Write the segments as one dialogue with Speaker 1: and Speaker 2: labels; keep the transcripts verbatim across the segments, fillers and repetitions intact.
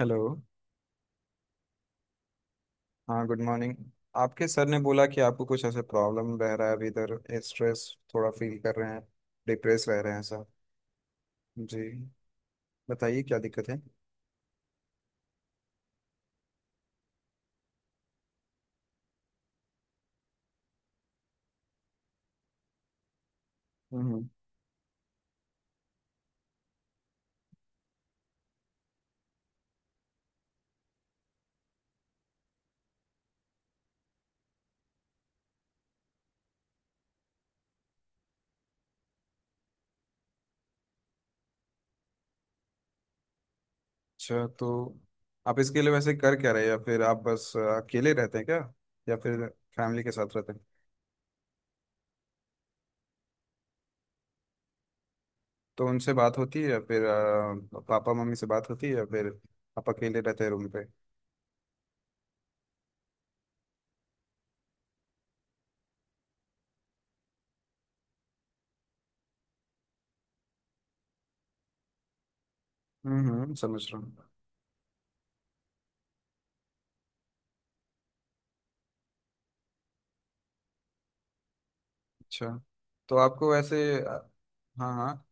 Speaker 1: Hello. हाँ, good morning. आपके sir ने बोला कि आपको कुछ ऐसे प्रॉब्लम रह रहा है, अभी इधर स्ट्रेस थोड़ा फील कर रहे हैं, डिप्रेस रह रहे हैं सर जी। बताइए क्या दिक्कत है। हम्म। अच्छा, तो आप इसके लिए वैसे कर क्या रहे हैं, या फिर आप बस अ, अकेले रहते हैं क्या, या फिर फैमिली के साथ रहते हैं। तो उनसे बात होती है, या फिर अ, पापा मम्मी से बात होती है, या फिर आप अकेले रहते हैं रूम पे। हम्म, हम्म, समझ रहा हूँ। अच्छा, तो आपको वैसे अ, हाँ, हाँ,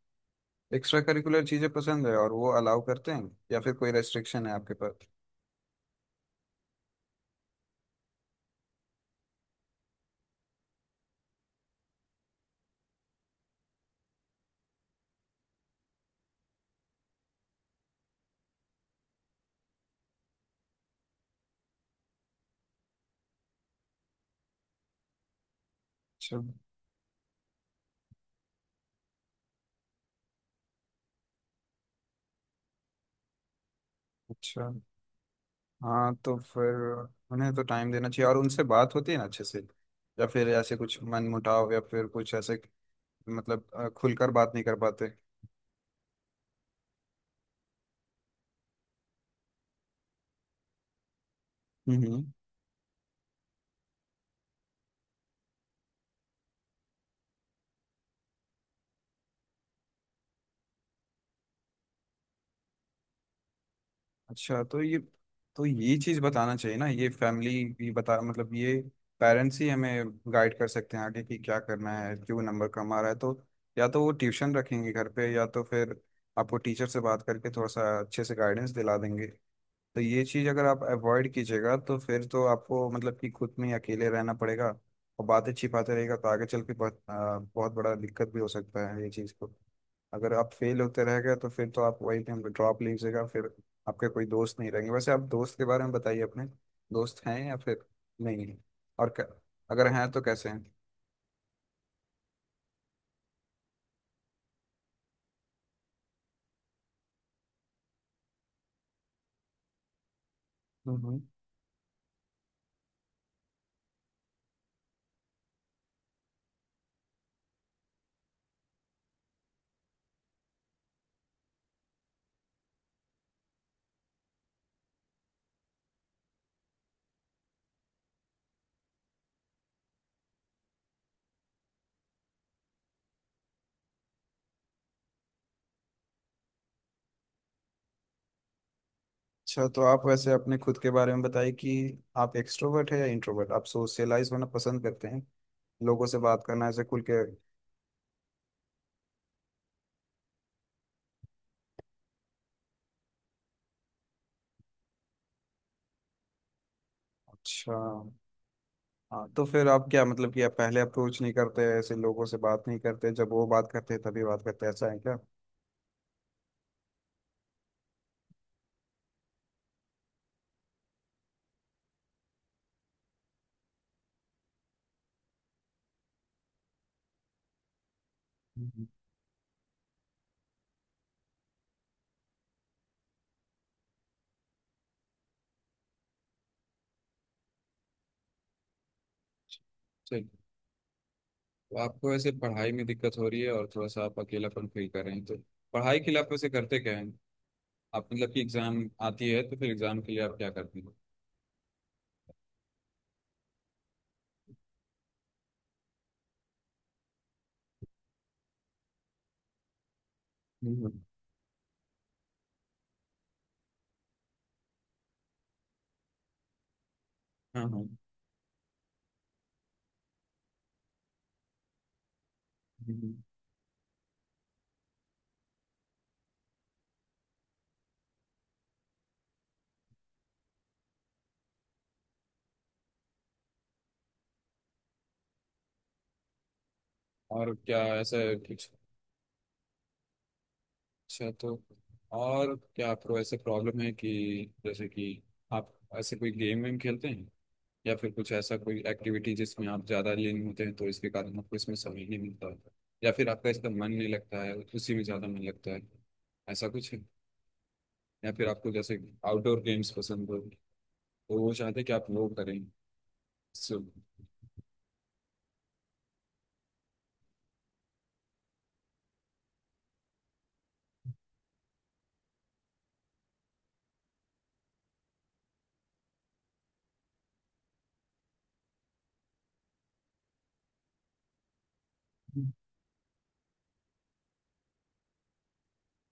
Speaker 1: एक्स्ट्रा करिकुलर चीजें पसंद है और वो अलाउ करते हैं, या फिर कोई रेस्ट्रिक्शन है आपके पास। अच्छा, अच्छा। हाँ, तो फिर उन्हें तो टाइम देना चाहिए, और उनसे बात होती है ना अच्छे से, या फिर ऐसे कुछ मन मुटाव या फिर कुछ ऐसे, मतलब अ, खुलकर बात नहीं कर पाते। हम्म। अच्छा, तो ये तो ये चीज़ बताना चाहिए ना, ये फैमिली भी बता, मतलब ये पेरेंट्स ही हमें गाइड कर सकते हैं आगे कि क्या करना है, क्यों नंबर कम आ रहा है। तो या तो वो ट्यूशन रखेंगे घर पे, या तो फिर आपको टीचर से बात करके थोड़ा सा अच्छे से गाइडेंस दिला देंगे। तो ये चीज अगर आप अवॉइड कीजिएगा तो फिर तो आपको मतलब कि खुद में ही अकेले रहना पड़ेगा, और बातें छिपाते रहेगा तो आगे चल के बहुत आ, बहुत बड़ा दिक्कत भी हो सकता है ये चीज को। अगर आप फेल होते रह गए तो फिर तो आप वही टाइम ड्रॉप लीजिएगा, फिर आपके कोई दोस्त नहीं रहेंगे। वैसे आप दोस्त के बारे में बताइए अपने, दोस्त हैं या फिर नहीं है, और क- अगर हैं तो कैसे हैं। हम्म। अच्छा, तो आप वैसे अपने खुद के बारे में बताइए कि आप एक्सट्रोवर्ट है या इंट्रोवर्ट, आप सोशलाइज होना पसंद करते हैं, लोगों से बात करना ऐसे खुल के। अच्छा। हाँ, तो फिर आप क्या मतलब कि आप पहले अप्रोच नहीं करते, ऐसे लोगों से बात नहीं करते, जब वो बात करते हैं तभी बात करते हैं, ऐसा है क्या। हम्म। चलिए। तो आपको वैसे पढ़ाई में दिक्कत हो रही है और थोड़ा सा आप अकेलापन फील कर रहे हैं, तो पढ़ाई के लिए आप वैसे करते क्या हैं। आप मतलब कि एग्जाम आती है तो फिर एग्जाम के लिए आप क्या करते हैं। हम्म। हाँ, हाँ। हम्म। और क्या ऐसा है कुछ। अच्छा। तो और क्या आपको ऐसे प्रॉब्लम है कि, जैसे कि आप ऐसे कोई गेम वेम खेलते हैं, या फिर कुछ ऐसा कोई एक्टिविटी जिसमें आप ज़्यादा लीन होते हैं, तो इसके कारण आपको इसमें समय नहीं मिलता है, या फिर आपका इसका मन नहीं लगता है, उसी में ज़्यादा मन लगता है, ऐसा कुछ है। या फिर आपको जैसे आउटडोर गेम्स पसंद हो, तो वो चाहते हैं कि आप वो करें। सो।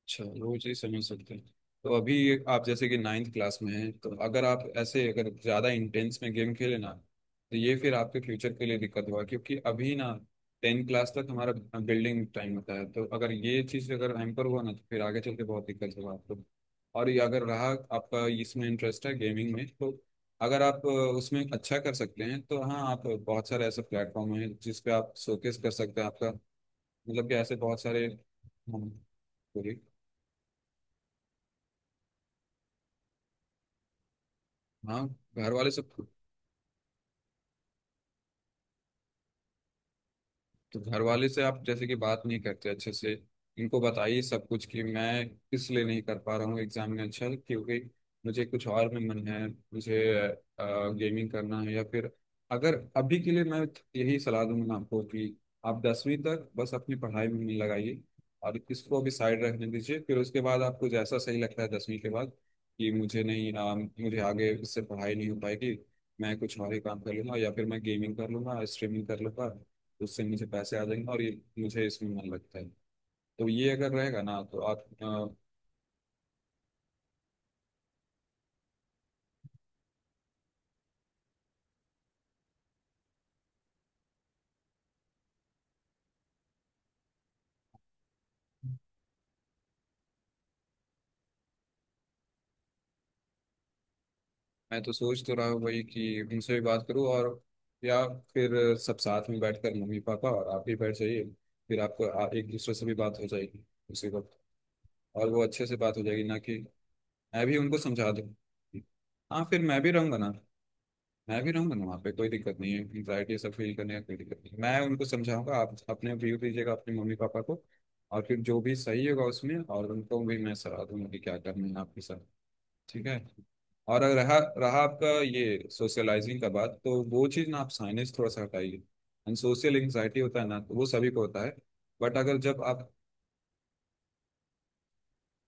Speaker 1: अच्छा, रोज ही समझ सकते हैं। तो अभी आप जैसे कि नाइन्थ क्लास में हैं, तो अगर आप ऐसे अगर ज़्यादा इंटेंस में गेम खेले ना तो ये फिर आपके फ्यूचर के लिए दिक्कत होगा, क्योंकि अभी ना टेंथ क्लास तक हमारा बिल्डिंग टाइम होता है। तो अगर ये चीज़ अगर हैम्पर हुआ ना तो फिर आगे चल के बहुत दिक्कत होगा आपको। और ये अगर रहा, आपका इसमें इंटरेस्ट है गेमिंग में, तो अगर आप अ, उसमें अच्छा कर सकते हैं तो हाँ, आप बहुत सारे ऐसे प्लेटफॉर्म हैं जिस पे आप शोकेस कर सकते हैं आपका, मतलब कि ऐसे बहुत सारे हम, बोलिए। हाँ, घर वाले सब। तो घर वाले से आप जैसे कि बात नहीं करते अच्छे से, इनको बताइए सब कुछ कि मैं किस लिए नहीं कर पा रहा हूँ एग्जाम में अच्छा, क्योंकि मुझे कुछ और में मन है, मुझे गेमिंग करना है। या फिर अगर अभी के लिए, मैं यही सलाह दूंगा आपको कि आप दसवीं तक बस अपनी पढ़ाई में मन लगाइए, और इसको भी साइड रखने दीजिए। फिर उसके बाद आपको जैसा सही लगता है दसवीं के बाद कि मुझे नहीं अ, मुझे आगे इससे पढ़ाई नहीं हो पाएगी, मैं कुछ और ही काम कर लूंगा, या फिर मैं गेमिंग कर लूंगा, स्ट्रीमिंग कर लूंगा, उससे मुझे पैसे आ जाएंगे, और ये मुझे इसमें मन लगता है। तो ये अगर रहेगा ना तो आप अ, मैं तो सोच तो रहा हूँ वही कि उनसे भी बात करूँ, और या फिर सब साथ में बैठकर मम्मी पापा और आप भी बैठ जाइए, फिर आपको आ, एक दूसरे से भी बात हो जाएगी उसी वक्त, और वो अच्छे से बात हो जाएगी ना कि मैं भी उनको समझा दूँ। हाँ, फिर मैं भी रहूँगा ना। मैं भी रहूंगा ना वहाँ पे, कोई दिक्कत नहीं है, एंग्जाइटी ये सब फील करने का कोई दिक्कत नहीं है। मैं उनको समझाऊंगा, आप अपने व्यू दीजिएगा अपने मम्मी पापा को, और फिर जो भी सही होगा उसमें, और उनको भी मैं सलाह दूंगा कि क्या करना है आपके साथ। ठीक है। और अगर रहा रहा आपका ये सोशलाइजिंग का बात, तो वो चीज़ ना आप साइनेज थोड़ा सा हटाइए। एंड सोशल एंग्जाइटी होता है ना, तो वो सभी को होता है। बट अगर जब आप,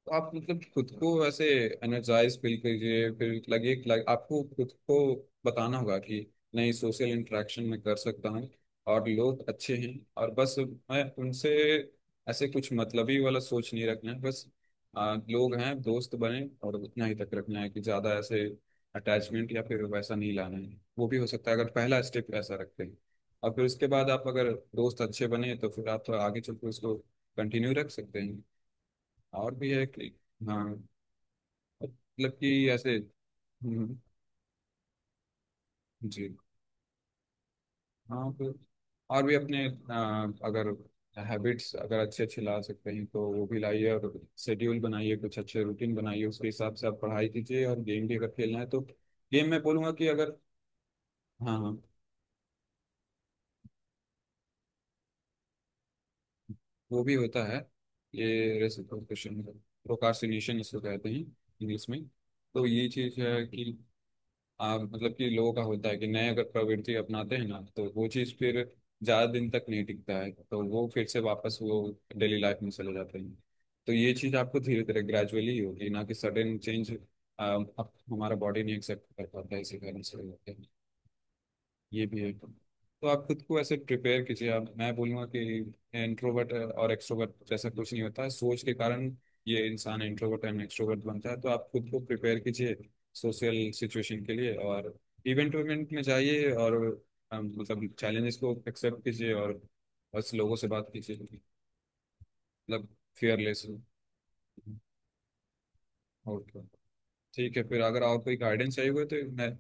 Speaker 1: तो आप मतलब खुद को वैसे एनर्जाइज फील करिए, फिर लगे कि लाइक आपको खुद को बताना होगा कि नहीं, सोशल इंटरेक्शन में कर सकता हूँ, और लोग अच्छे हैं, और बस मैं उनसे ऐसे कुछ मतलबी वाला सोच नहीं रखना है। बस आ, लोग हैं दोस्त बने, और उतना ही तक रखना है कि ज़्यादा ऐसे अटैचमेंट या फिर वैसा नहीं लाना है। वो भी हो सकता है अगर पहला स्टेप ऐसा रखते हैं, और फिर उसके बाद आप अगर दोस्त अच्छे बने, तो फिर आप आगे चलकर उसको कंटिन्यू रख सकते हैं। और भी है कि हाँ, मतलब कि ऐसे, हम्म, जी। हाँ, तो और भी अपने आ, अगर हैबिट्स अगर अच्छे अच्छे ला सकते हैं तो वो भी लाइए, और शेड्यूल बनाइए, कुछ अच्छे रूटीन बनाइए, उसके हिसाब से आप पढ़ाई कीजिए, और गेम भी अगर खेलना है तो गेम में बोलूँगा कि अगर, हाँ, हाँ, वो भी होता है। ये रेसिप्रोकेशन प्रोकास्टिनेशन इसको कहते हैं इंग्लिश में। तो ये चीज़ है कि हाँ, मतलब कि लोगों का होता है कि नए अगर प्रवृत्ति अपनाते हैं ना तो वो चीज़ फिर ज़्यादा दिन तक नहीं टिकता है, तो वो फिर से वापस वो डेली लाइफ में चले जाते हैं। तो ये चीज़ आपको धीरे धीरे ग्रेजुअली होगी, ना कि सडन चेंज। हमारा बॉडी नहीं एक्सेप्ट कर पाता है इसी कारण से होते हैं। ये भी है। तो आप खुद को ऐसे प्रिपेयर कीजिए, आप, मैं बोलूँगा कि इंट्रोवर्ट और एक्सट्रोवर्ट जैसा कुछ नहीं होता है। सोच के कारण ये इंसान इंट्रोवर्ट एंड एक्सट्रोवर्ट बनता है। तो आप खुद को प्रिपेयर कीजिए सोशल सिचुएशन के लिए, और इवेंट इवेंट में जाइए, और अम, मतलब चैलेंजेस को एक्सेप्ट कीजिए, और बस लोगों से बात कीजिए। मतलब फियरलेस। और क्या। ठीक है फिर, अगर आपको कोई गाइडेंस चाहिए होगा तो मैं,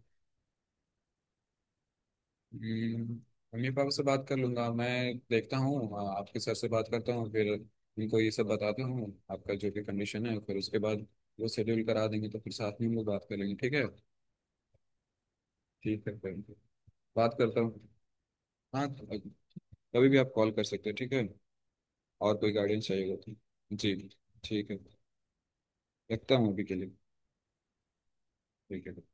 Speaker 1: हम्म, मम्मी पापा से बात कर लूंगा मैं। देखता हूँ। हाँ, आपके सर से बात करता हूँ फिर, उनको ये सब बताता हूँ आपका जो भी कंडीशन है, फिर उसके बाद वो शेड्यूल करा देंगे, तो फिर साथ में हम लोग बात कर लेंगे, ठीक है। ठीक है फिर, बात करता हूँ। हाँ, कभी भी आप कॉल कर सकते हैं, ठीक है। और कोई गाइडेंस चाहिए होगा तो। जी, ठीक है। रखता हूँ अभी के लिए। ठीक है।